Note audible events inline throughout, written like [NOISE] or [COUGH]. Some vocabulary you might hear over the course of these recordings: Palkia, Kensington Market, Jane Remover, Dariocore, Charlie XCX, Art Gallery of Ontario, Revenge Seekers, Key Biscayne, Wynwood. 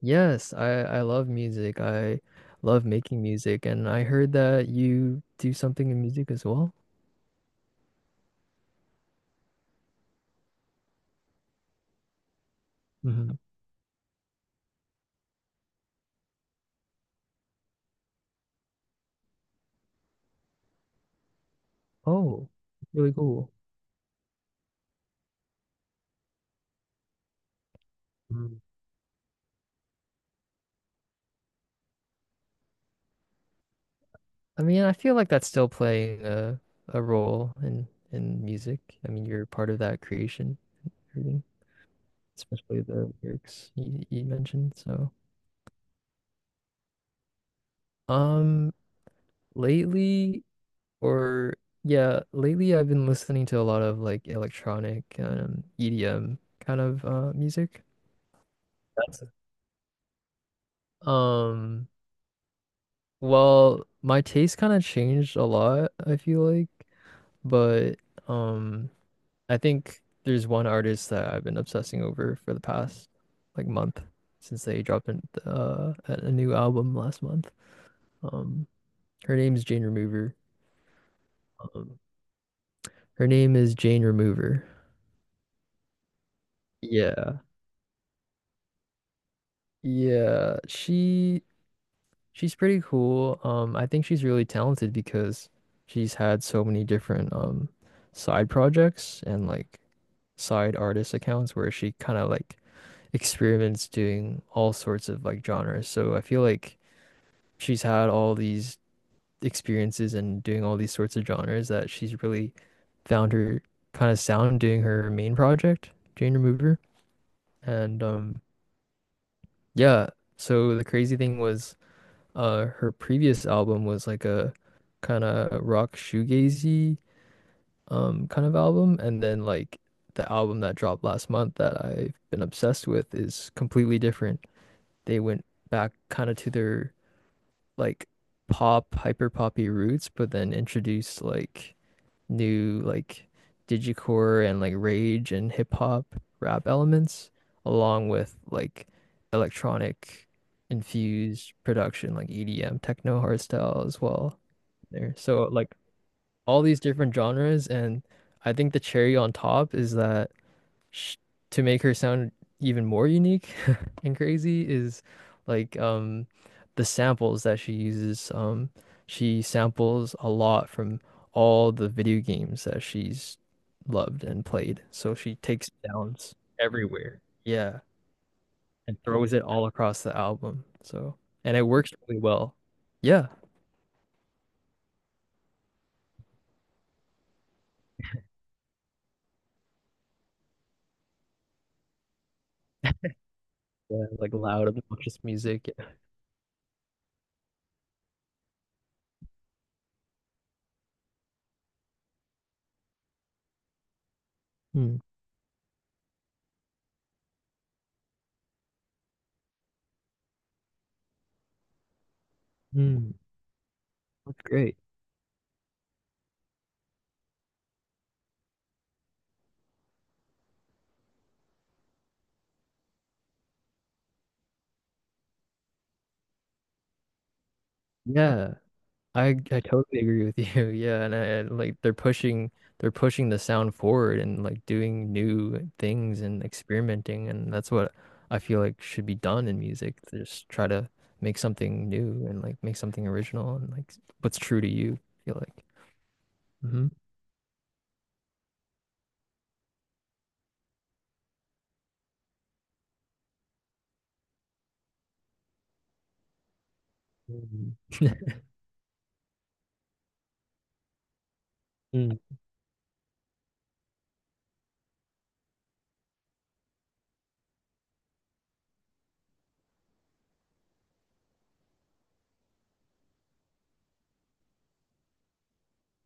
Yes, I love music. I love making music, and I heard that you do something in music as well. Hmm Oh, really cool. hmm I mean, I feel like that's still playing a role in music. I mean, you're part of that creation, really, especially the lyrics you mentioned. So, um, lately or yeah, lately I've been listening to a lot of like electronic EDM kind of music. That's Um, well, my taste kind of changed a lot, I feel like, but um, I think there's one artist that I've been obsessing over for the past like month since they dropped in, a new album last month. Um, her name's Jane Remover. Um, her name is Jane Remover. Yeah. Yeah, she She's pretty cool. I think she's really talented because she's had so many different side projects and like side artist accounts where she kind of like experiments doing all sorts of like genres. So I feel like she's had all these experiences and doing all these sorts of genres that she's really found her kind of sound doing her main project, Jane Remover. And yeah, so the crazy thing was her previous album was like a kind of rock shoegazy kind of album, and then like the album that dropped last month that I've been obsessed with is completely different. They went back kind of to their like pop, hyper poppy roots, but then introduced like new like digicore and like rage and hip hop rap elements along with like electronic infused production like EDM techno hardstyle as well there. So like all these different genres, and I think the cherry on top is that sh to make her sound even more unique [LAUGHS] and crazy is like the samples that she uses. She samples a lot from all the video games that she's loved and played. So she takes sounds everywhere. Yeah, and throws it all across the album. So, and it works really well. Yeah, Yeah, like loud, obnoxious music. Yeah. Mm, mm, that's great. Yeah. I totally agree with you. [LAUGHS] Like they're pushing the sound forward and like doing new things and experimenting, and that's what I feel like should be done in music. To just try to make something new and like make something original and like what's true to you, I feel like. Hmm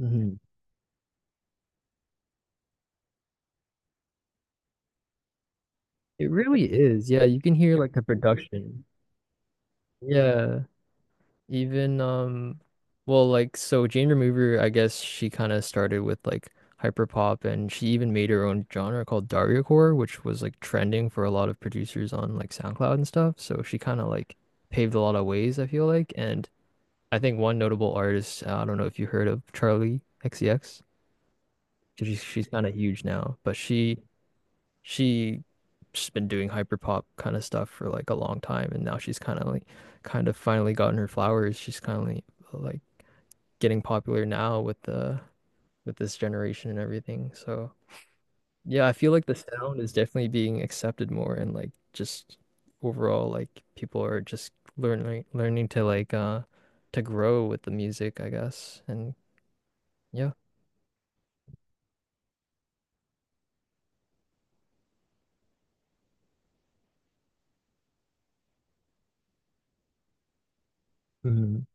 Mm-hmm. It really is. Yeah, you can hear like the production. Yeah. Even well like so Jane Remover, I guess she kind of started with like hyperpop, and she even made her own genre called Dariocore, which was like trending for a lot of producers on like SoundCloud and stuff. So she kind of like paved a lot of ways, I feel like. And I think one notable artist, I don't know if you heard of Charlie XCX. She's kind of huge now, but she she's been doing hyperpop kind of stuff for like a long time, and now she's kind of like kind of finally gotten her flowers. She's kind of like getting popular now with the with this generation and everything. So yeah, I feel like the sound is definitely being accepted more and like just overall like people are just learning to like to grow with the music, I guess. And yeah. Mhm.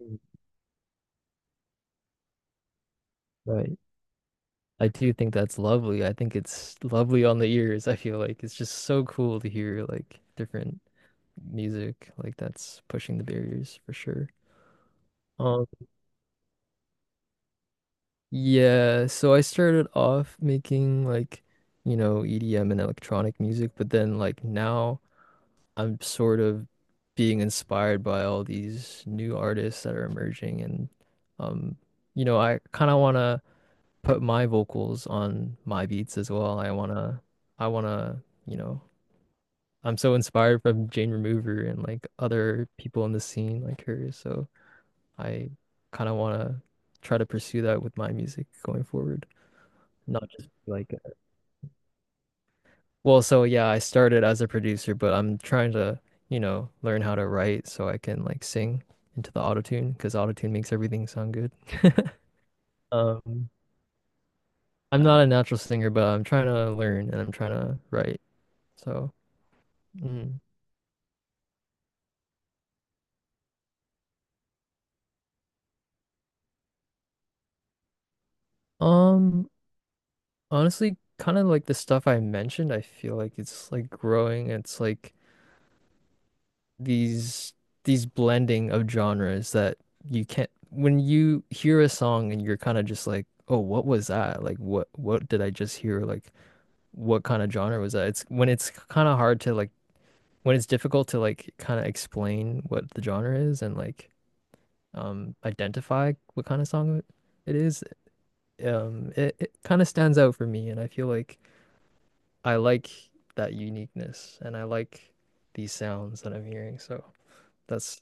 mm Right. I do think that's lovely. I think it's lovely on the ears. [LAUGHS] I feel like it's just so cool to hear like different music like that's pushing the barriers for sure. Yeah, so I started off making like, you know, EDM and electronic music, but then like now I'm sort of being inspired by all these new artists that are emerging, and um you know, I kind of want to put my vocals on my beats as well. I want to you know, I'm so inspired from Jane Remover and like other people in the scene like her, so I kind of want to try to pursue that with my music going forward. Not just like so yeah, I started as a producer, but I'm trying to, you know, learn how to write so I can like sing into the autotune because autotune makes everything sound good. [LAUGHS] um I'm not a natural singer, but I'm trying to learn, and I'm trying to write. So mm. um honestly, kind of like the stuff I mentioned, I feel like it's like growing, it's like these these blending of genres that you can't when you hear a song and you're kind of just like, oh, what was that? Like what did I just hear? Like what kind of genre was that? It's when it's kind of hard to like when it's difficult to like kind of explain what the genre is and like identify what kind of song it is. It kind of stands out for me, and I feel like I like that uniqueness, and I like these sounds that I'm hearing. So that's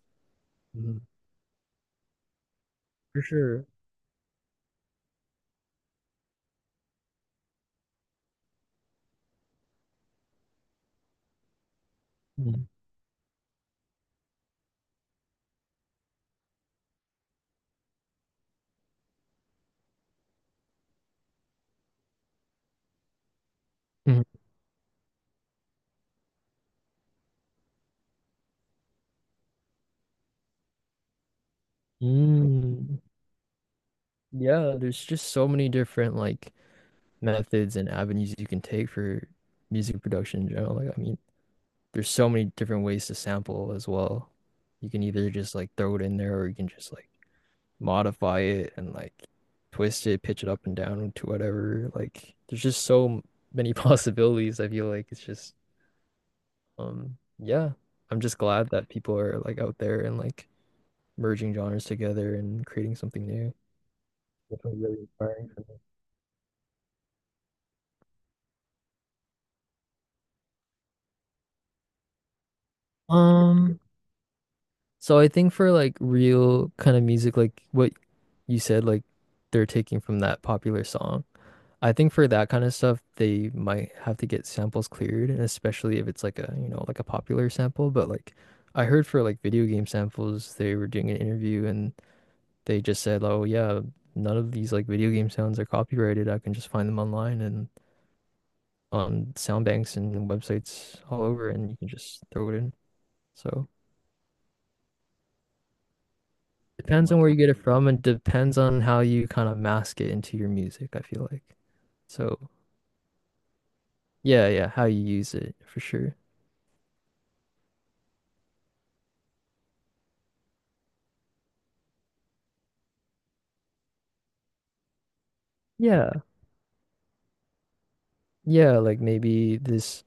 Mhm. For sure. Mm. Mhm. Mm. Yeah, there's just so many different like methods and avenues you can take for music production in general. Like, I mean, there's so many different ways to sample as well. You can either just like throw it in there, or you can just like modify it and like twist it, pitch it up and down to whatever. Like, there's just so many [LAUGHS] possibilities. I feel like it's just, yeah, I'm just glad that people are like out there and like merging genres together and creating something new, which was really inspiring for me. Um, so I think for like real kind of music, like what you said, like they're taking from that popular song. I think for that kind of stuff, they might have to get samples cleared, and especially if it's like a, you know, like a popular sample. But like I heard for like video game samples, they were doing an interview, and they just said, oh yeah, none of these like video game sounds are copyrighted. I can just find them online and on sound banks and websites all over, and you can just throw it in. So. Depends on where you get it from, and depends on how you kind of mask it into your music, I feel like. So, yeah, yeah, how you use it for sure. Yeah, Yeah, like maybe this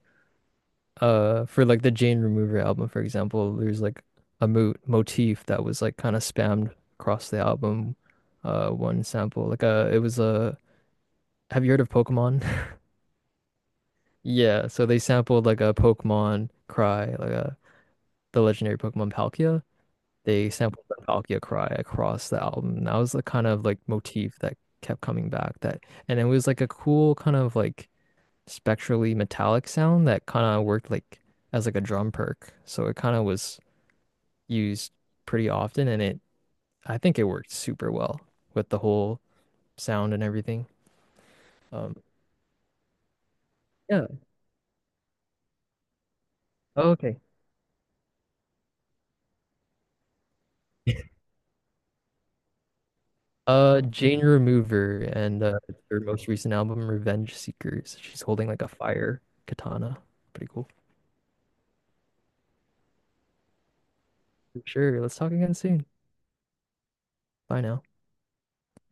for like the Jane Remover album, for example, there's like a mo motif that was like kind of spammed across the album one sample. Like it was a have you heard of Pokemon? [LAUGHS] Yeah, so they sampled like a Pokemon cry, like a the legendary Pokemon Palkia. They sampled the Valkyria cry across the album. That was the kind of like motif that kept coming back. That, and it was like a cool kind of like spectrally metallic sound that kind of worked like as like a drum perk. So it kind of was used pretty often, and it I think it worked super well with the whole sound and everything. Um, yeah. Oh, okay. [LAUGHS] Jane Remover and her most recent album, Revenge Seekers. She's holding like a fire katana. Pretty cool. For sure. Let's talk again soon. Bye now.